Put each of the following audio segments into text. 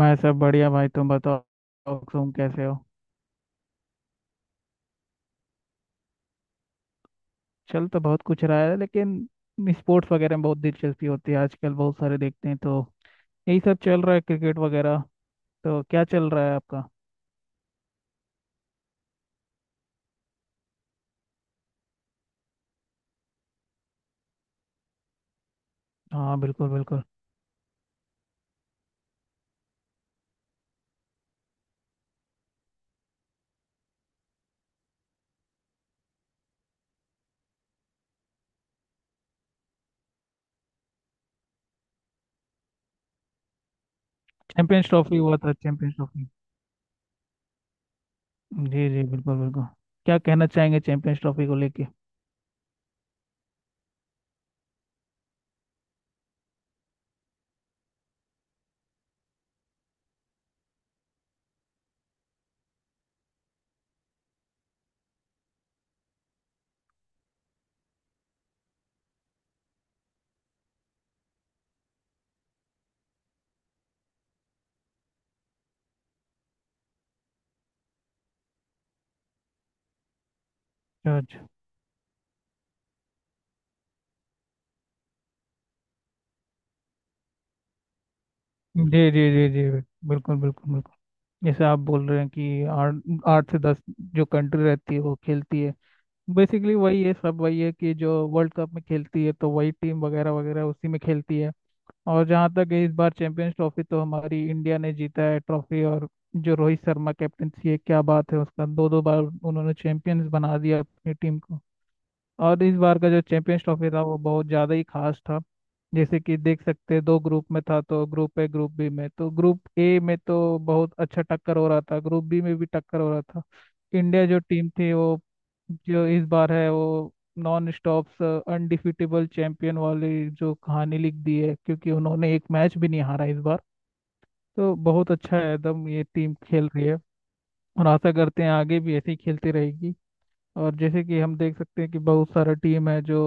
मैं सब बढ़िया भाई। तुम बताओ, तुम कैसे हो? चल तो बहुत कुछ रहा है, लेकिन स्पोर्ट्स वगैरह में बहुत दिलचस्पी होती है आजकल, बहुत सारे देखते हैं। तो यही सब चल रहा है, क्रिकेट वगैरह। तो क्या चल रहा है आपका? हाँ, बिल्कुल बिल्कुल। चैंपियंस ट्रॉफी हुआ था, चैंपियंस ट्रॉफी। जी जी, बिल्कुल बिल्कुल। क्या कहना चाहेंगे चैंपियंस ट्रॉफी को लेके? अच्छा। जी जी जी जी, बिल्कुल बिल्कुल बिल्कुल। जैसे आप बोल रहे हैं कि आठ, आठ से दस जो कंट्री रहती है वो खेलती है। बेसिकली वही है सब, वही है कि जो वर्ल्ड कप में खेलती है तो वही टीम वगैरह वगैरह उसी में खेलती है। और जहाँ तक है इस बार चैंपियंस ट्रॉफी, तो हमारी इंडिया ने जीता है ट्रॉफी। और जो रोहित शर्मा कैप्टनसी है, क्या बात है उसका, दो दो बार उन्होंने चैंपियंस बना दिया अपनी टीम को। और इस बार का जो चैंपियंस ट्रॉफी था वो बहुत ज़्यादा ही खास था। जैसे कि देख सकते हैं 2 ग्रुप में था, तो ग्रुप ए ग्रुप बी में, तो ग्रुप ए में तो बहुत अच्छा टक्कर हो रहा था, ग्रुप बी में भी टक्कर हो रहा था। इंडिया जो टीम थी वो, जो इस बार है वो नॉन स्टॉप अनडिफिटेबल चैंपियन वाली जो कहानी लिख दी है, क्योंकि उन्होंने एक मैच भी नहीं हारा इस बार। तो बहुत अच्छा है एकदम, ये टीम खेल रही है। और आशा करते हैं आगे भी ऐसे ही खेलती रहेगी। और जैसे कि हम देख सकते हैं कि बहुत सारा टीम है जो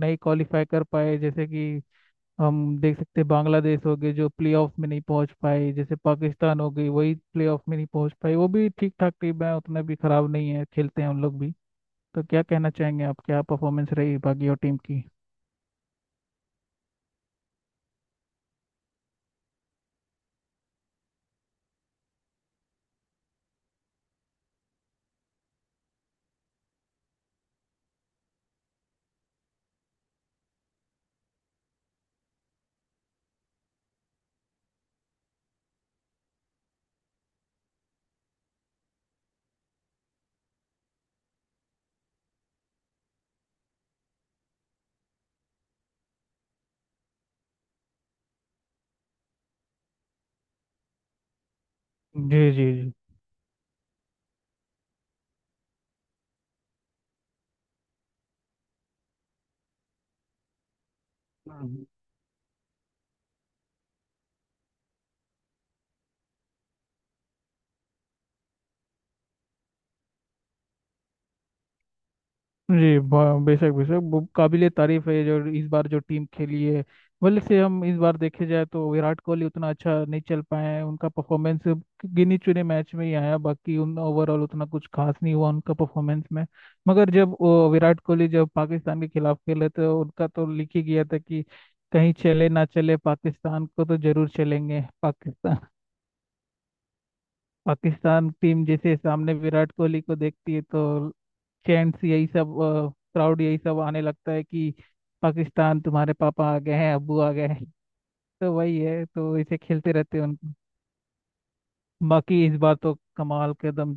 नहीं क्वालिफाई कर पाए। जैसे कि हम देख सकते हैं बांग्लादेश हो गए जो प्लेऑफ में नहीं पहुंच पाए, जैसे पाकिस्तान हो गई, वही प्लेऑफ में नहीं पहुंच पाई। वो भी ठीक ठाक टीम है, उतना भी खराब नहीं है, खेलते हैं उन लोग भी। तो क्या कहना चाहेंगे आप, क्या परफॉर्मेंस रही बाकी और टीम की? जी जी जी जी, बेशक बेशक वो ए तारीफ है जो इस बार जो टीम खेली है। भले से हम इस बार देखे जाए तो विराट कोहली उतना अच्छा नहीं चल पाए हैं, उनका परफॉर्मेंस गिनी चुने मैच में ही आया, बाकी उन ओवरऑल उतना कुछ खास नहीं हुआ उनका परफॉर्मेंस में। मगर जब वो विराट कोहली जब पाकिस्तान के खिलाफ खेले तो उनका तो लिख ही गया था कि कहीं चले ना चले पाकिस्तान को तो जरूर चलेंगे, पाकिस्तान। पाकिस्तान टीम जैसे सामने विराट कोहली को देखती है तो चैंट्स यही सब, क्राउड यही सब आने लगता है कि पाकिस्तान तुम्हारे पापा आ गए हैं, अब्बू आ गए हैं। तो वही है, तो इसे खेलते रहते हैं उन। बाकी इस बार तो कमाल के एकदम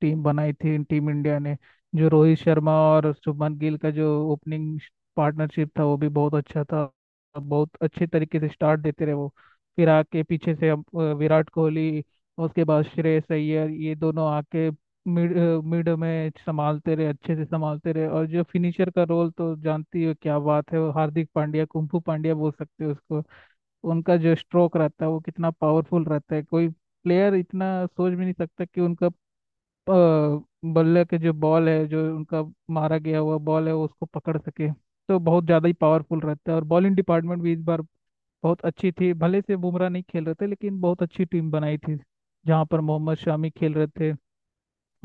टीम बनाई थी टीम इंडिया ने। जो रोहित शर्मा और शुभमन गिल का जो ओपनिंग पार्टनरशिप था वो भी बहुत अच्छा था। बहुत अच्छे तरीके से स्टार्ट देते रहे वो। फिर आके पीछे से विराट कोहली, उसके बाद श्रेयस अय्यर, ये दोनों आके मिड में संभालते रहे, अच्छे से संभालते रहे। और जो फिनिशर का रोल, तो जानती हो क्या बात है, वो हार्दिक पांड्या, कुंफू पांड्या बोल सकते हो उसको। उनका जो स्ट्रोक रहता है वो कितना पावरफुल रहता है, कोई प्लेयर इतना सोच भी नहीं सकता कि उनका अ, बल्ले के जो बॉल है, जो उनका मारा गया हुआ बॉल है, वो उसको पकड़ सके। तो बहुत ज़्यादा ही पावरफुल रहता है। और बॉलिंग डिपार्टमेंट भी इस बार बहुत अच्छी थी। भले से बुमराह नहीं खेल रहे थे, लेकिन बहुत अच्छी टीम बनाई थी जहाँ पर मोहम्मद शामी खेल रहे थे।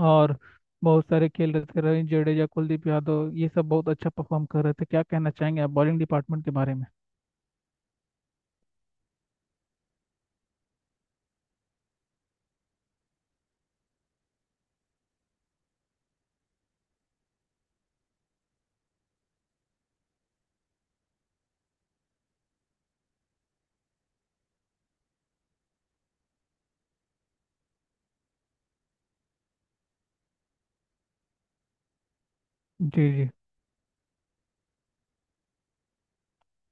और बहुत सारे खेल रहे थे, रविंद्र जडेजा, कुलदीप यादव, ये सब बहुत अच्छा परफॉर्म कर रहे थे। क्या कहना चाहेंगे आप बॉलिंग डिपार्टमेंट के बारे में? जी जी।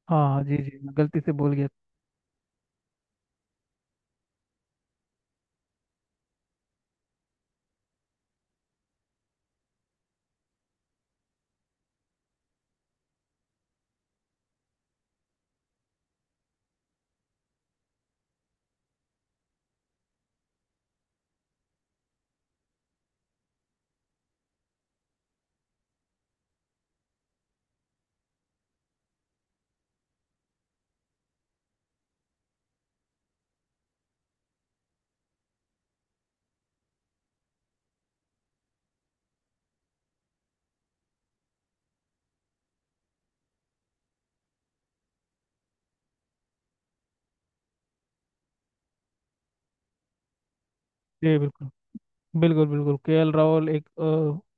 हाँ हाँ, जी जी, मैं गलती से बोल गया। जी बिल्कुल, बिल्कुल बिल्कुल। केएल राहुल एक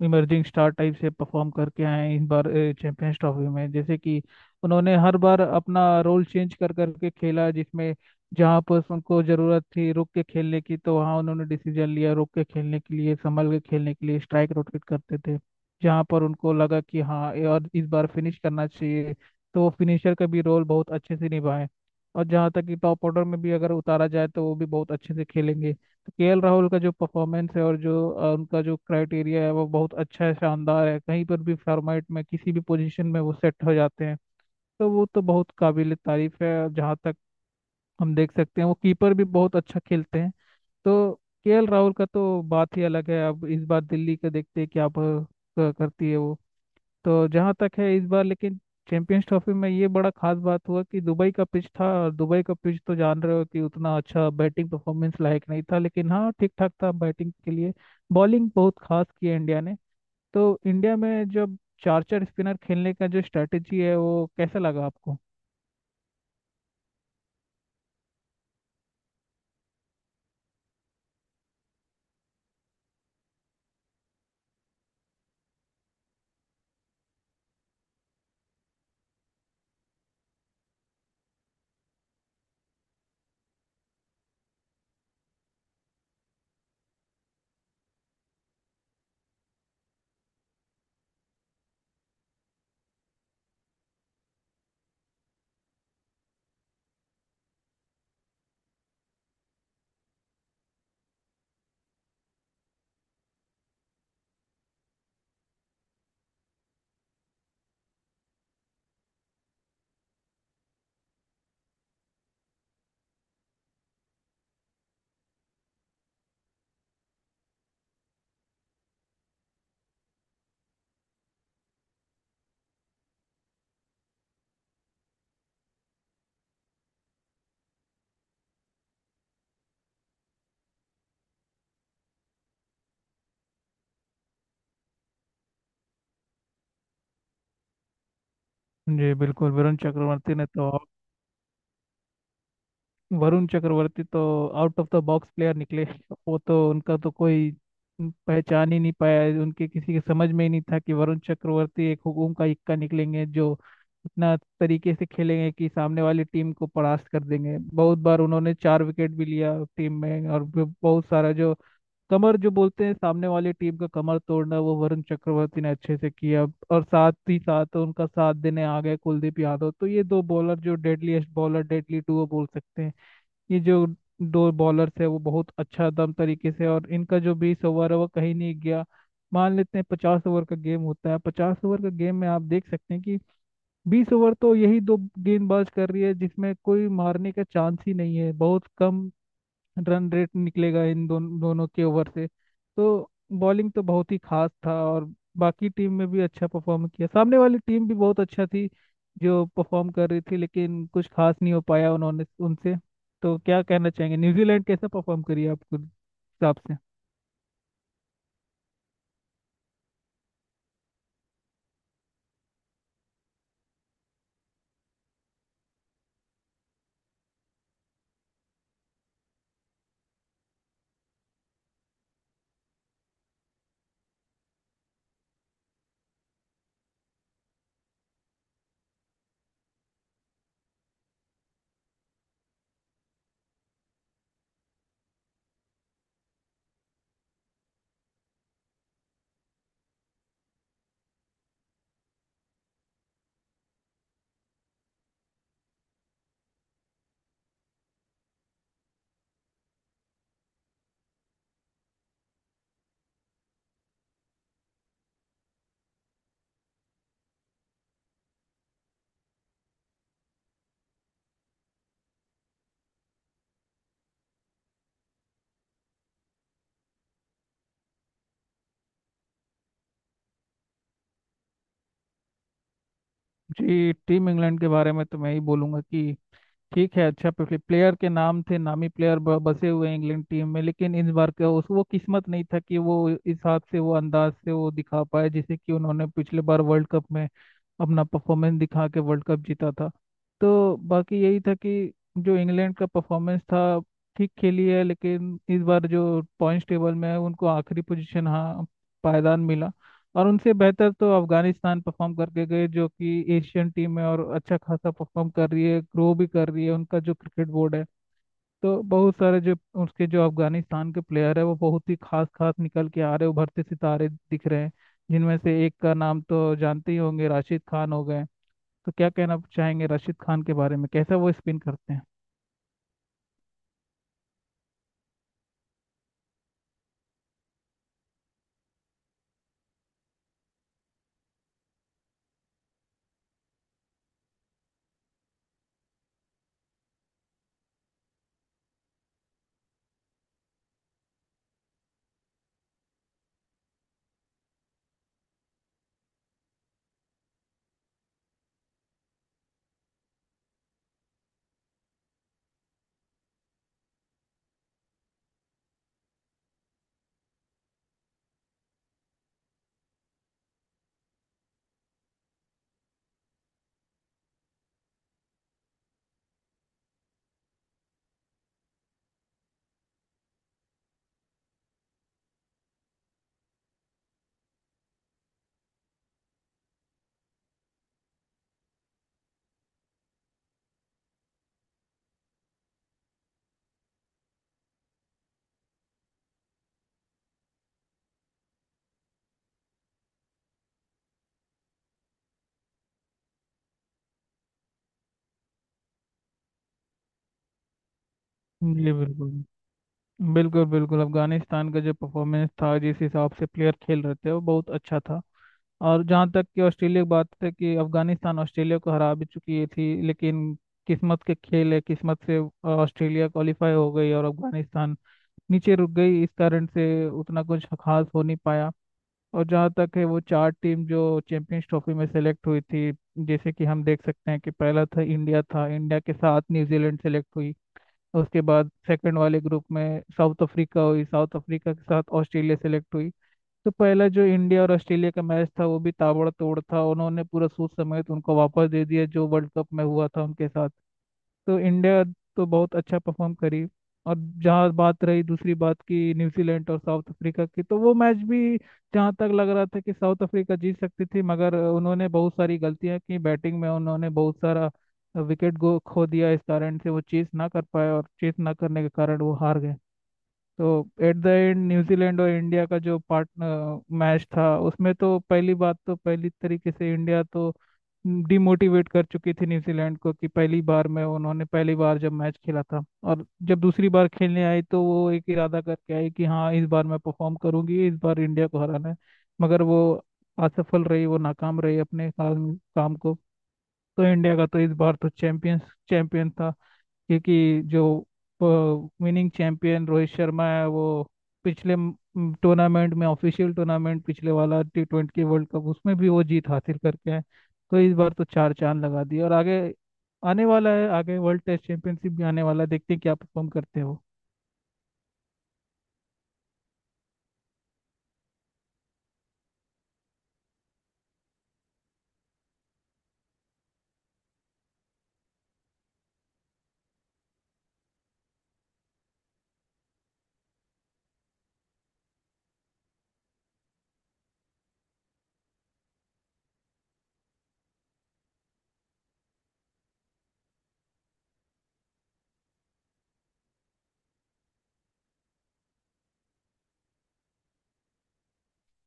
इमर्जिंग स्टार टाइप से परफॉर्म करके आए हैं इस बार चैंपियंस ट्रॉफी में। जैसे कि उन्होंने हर बार अपना रोल चेंज कर करके खेला, जिसमें जहाँ पर उनको जरूरत थी रुक के खेलने की तो वहाँ उन्होंने डिसीजन लिया रुक के खेलने के लिए, संभल के खेलने के लिए, स्ट्राइक रोटेट करते थे। जहाँ पर उनको लगा कि हाँ ये और इस बार फिनिश करना चाहिए, तो वो फिनिशर का भी रोल बहुत अच्छे से निभाए। और जहाँ तक कि टॉप ऑर्डर में भी अगर उतारा जाए तो वो भी बहुत अच्छे से खेलेंगे। केएल राहुल का जो परफॉर्मेंस है और जो उनका जो क्राइटेरिया है वो बहुत अच्छा है, शानदार है, कहीं पर भी फॉर्मेट में, किसी भी पोजीशन में वो सेट हो जाते हैं। तो वो तो बहुत काबिल तारीफ है। जहाँ तक हम देख सकते हैं वो कीपर भी बहुत अच्छा खेलते हैं। तो केएल राहुल का तो बात ही अलग है। अब इस बार दिल्ली का देखते हैं क्या करती है वो। तो जहाँ तक है इस बार लेकिन चैंपियंस ट्रॉफी में ये बड़ा खास बात हुआ कि दुबई का पिच था, और दुबई का पिच तो जान रहे हो कि उतना अच्छा बैटिंग परफॉर्मेंस लायक नहीं था, लेकिन हाँ ठीक ठाक था बैटिंग के लिए। बॉलिंग बहुत खास की है इंडिया ने। तो इंडिया में जब चार चार स्पिनर खेलने का जो स्ट्रेटेजी है वो कैसा लगा आपको? जी बिल्कुल। वरुण चक्रवर्ती ने तो, वरुण चक्रवर्ती तो out of the box player निकले। वो तो, उनका तो कोई पहचान ही नहीं पाया, उनके किसी के समझ में ही नहीं था कि वरुण चक्रवर्ती एक हुकुम का इक्का निकलेंगे जो इतना तरीके से खेलेंगे कि सामने वाली टीम को परास्त कर देंगे। बहुत बार उन्होंने 4 विकेट भी लिया टीम में। और बहुत सारा जो कमर जो बोलते हैं, सामने वाली टीम का कमर तोड़ना, वो वरुण चक्रवर्ती ने अच्छे से किया। और साथ ही साथ उनका साथ देने आ गए कुलदीप यादव। तो ये 2 बॉलर, जो डेडलीस्ट बॉलर, डेडली डुओ बोल सकते हैं। ये जो 2 बॉलर्स है वो बहुत अच्छा दम तरीके से, और इनका जो 20 ओवर है वो कहीं नहीं गया। मान लेते हैं 50 ओवर का गेम होता है, 50 ओवर का गेम में आप देख सकते हैं कि 20 ओवर तो यही दो गेंदबाज कर रही है, जिसमें कोई मारने का चांस ही नहीं है, बहुत कम रन रेट निकलेगा इन दोनों के ओवर से। तो बॉलिंग तो बहुत ही खास था। और बाकी टीम में भी अच्छा परफॉर्म किया, सामने वाली टीम भी बहुत अच्छा थी जो परफॉर्म कर रही थी, लेकिन कुछ खास नहीं हो पाया उन्होंने उनसे। तो क्या कहना चाहेंगे न्यूजीलैंड कैसा परफॉर्म करी आपके हिसाब से? जी टीम इंग्लैंड के बारे में तो मैं ही बोलूंगा कि ठीक है, अच्छा पिछले प्लेयर के नाम थे, नामी प्लेयर बसे हुए हैं इंग्लैंड टीम में, लेकिन इस बार का उस वो किस्मत नहीं था कि वो इस हाथ से वो अंदाज से वो दिखा पाए जैसे कि उन्होंने पिछले बार वर्ल्ड कप में अपना परफॉर्मेंस दिखा के वर्ल्ड कप जीता था। तो बाकी यही था कि जो इंग्लैंड का परफॉर्मेंस था, ठीक खेली है, लेकिन इस बार जो पॉइंट्स टेबल में है उनको आखिरी पोजीशन, हाँ, पायदान मिला। और उनसे बेहतर तो अफगानिस्तान परफॉर्म करके गए जो कि एशियन टीम है और अच्छा खासा परफॉर्म कर रही है, ग्रो भी कर रही है, उनका जो क्रिकेट बोर्ड है। तो बहुत सारे जो उसके जो अफगानिस्तान के प्लेयर है वो बहुत ही खास खास निकल के आ रहे, उभरते सितारे दिख रहे हैं। जिनमें से एक का नाम तो जानते ही होंगे, राशिद खान हो गए। तो क्या कहना चाहेंगे राशिद खान के बारे में, कैसा वो स्पिन करते हैं? जी बिल्कुल, बिल्कुल बिल्कुल। अफगानिस्तान का जो परफॉर्मेंस था जिस हिसाब से प्लेयर खेल रहे थे वो बहुत अच्छा था। और जहाँ तक कि ऑस्ट्रेलिया की बात है कि अफगानिस्तान ऑस्ट्रेलिया को हरा भी चुकी थी, लेकिन किस्मत के खेल है, किस्मत से ऑस्ट्रेलिया क्वालिफाई हो गई और अफगानिस्तान नीचे रुक गई, इस कारण से उतना कुछ खास हो नहीं पाया। और जहाँ तक है वो 4 टीम जो चैंपियंस ट्रॉफी में सेलेक्ट हुई थी, जैसे कि हम देख सकते हैं कि पहला था इंडिया था, इंडिया के साथ न्यूजीलैंड सेलेक्ट हुई। उसके बाद सेकंड वाले ग्रुप में साउथ अफ्रीका हुई, साउथ अफ्रीका के साथ ऑस्ट्रेलिया सेलेक्ट हुई। तो पहला जो इंडिया और ऑस्ट्रेलिया का मैच था, वो भी ताबड़तोड़ था, उन्होंने पूरा सोच समेत उनको वापस दे दिया जो वर्ल्ड कप में हुआ था उनके साथ। तो इंडिया तो बहुत अच्छा परफॉर्म करी। और जहाँ बात रही दूसरी बात की न्यूजीलैंड और साउथ अफ्रीका की, तो वो मैच भी, जहाँ तक लग रहा था कि साउथ अफ्रीका जीत सकती थी, मगर उन्होंने बहुत सारी गलतियाँ की बैटिंग में, उन्होंने बहुत सारा विकेट गो खो दिया, इस कारण से वो चेस ना कर पाए, और चेस ना करने के कारण वो हार गए। तो एट द एंड न्यूजीलैंड और इंडिया का जो पार्टनर मैच था, उसमें तो पहली बात, तो पहली तरीके से इंडिया तो डिमोटिवेट कर चुकी थी न्यूजीलैंड को कि पहली बार में उन्होंने, पहली बार जब मैच खेला था। और जब दूसरी बार खेलने आई तो वो एक इरादा करके आई कि हाँ इस बार मैं परफॉर्म करूंगी, इस बार इंडिया को हराना है। मगर वो असफल रही, वो नाकाम रही अपने काम काम को। तो इंडिया का तो इस बार तो चैंपियंस चैंपियन था। क्योंकि जो विनिंग चैंपियन रोहित शर्मा है, वो पिछले टूर्नामेंट में, ऑफिशियल टूर्नामेंट पिछले वाला T20 वर्ल्ड कप, उसमें भी वो जीत हासिल करके आए। तो इस बार तो चार चांद लगा दिए। और आगे आने वाला है, आगे वर्ल्ड टेस्ट चैंपियनशिप भी आने वाला है, देखते हैं क्या परफॉर्म करते हो।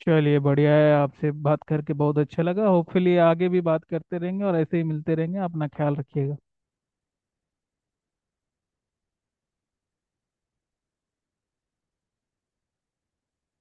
चलिए बढ़िया है, आपसे बात करके बहुत अच्छा लगा, होपफुली आगे भी बात करते रहेंगे और ऐसे ही मिलते रहेंगे, अपना ख्याल रखिएगा।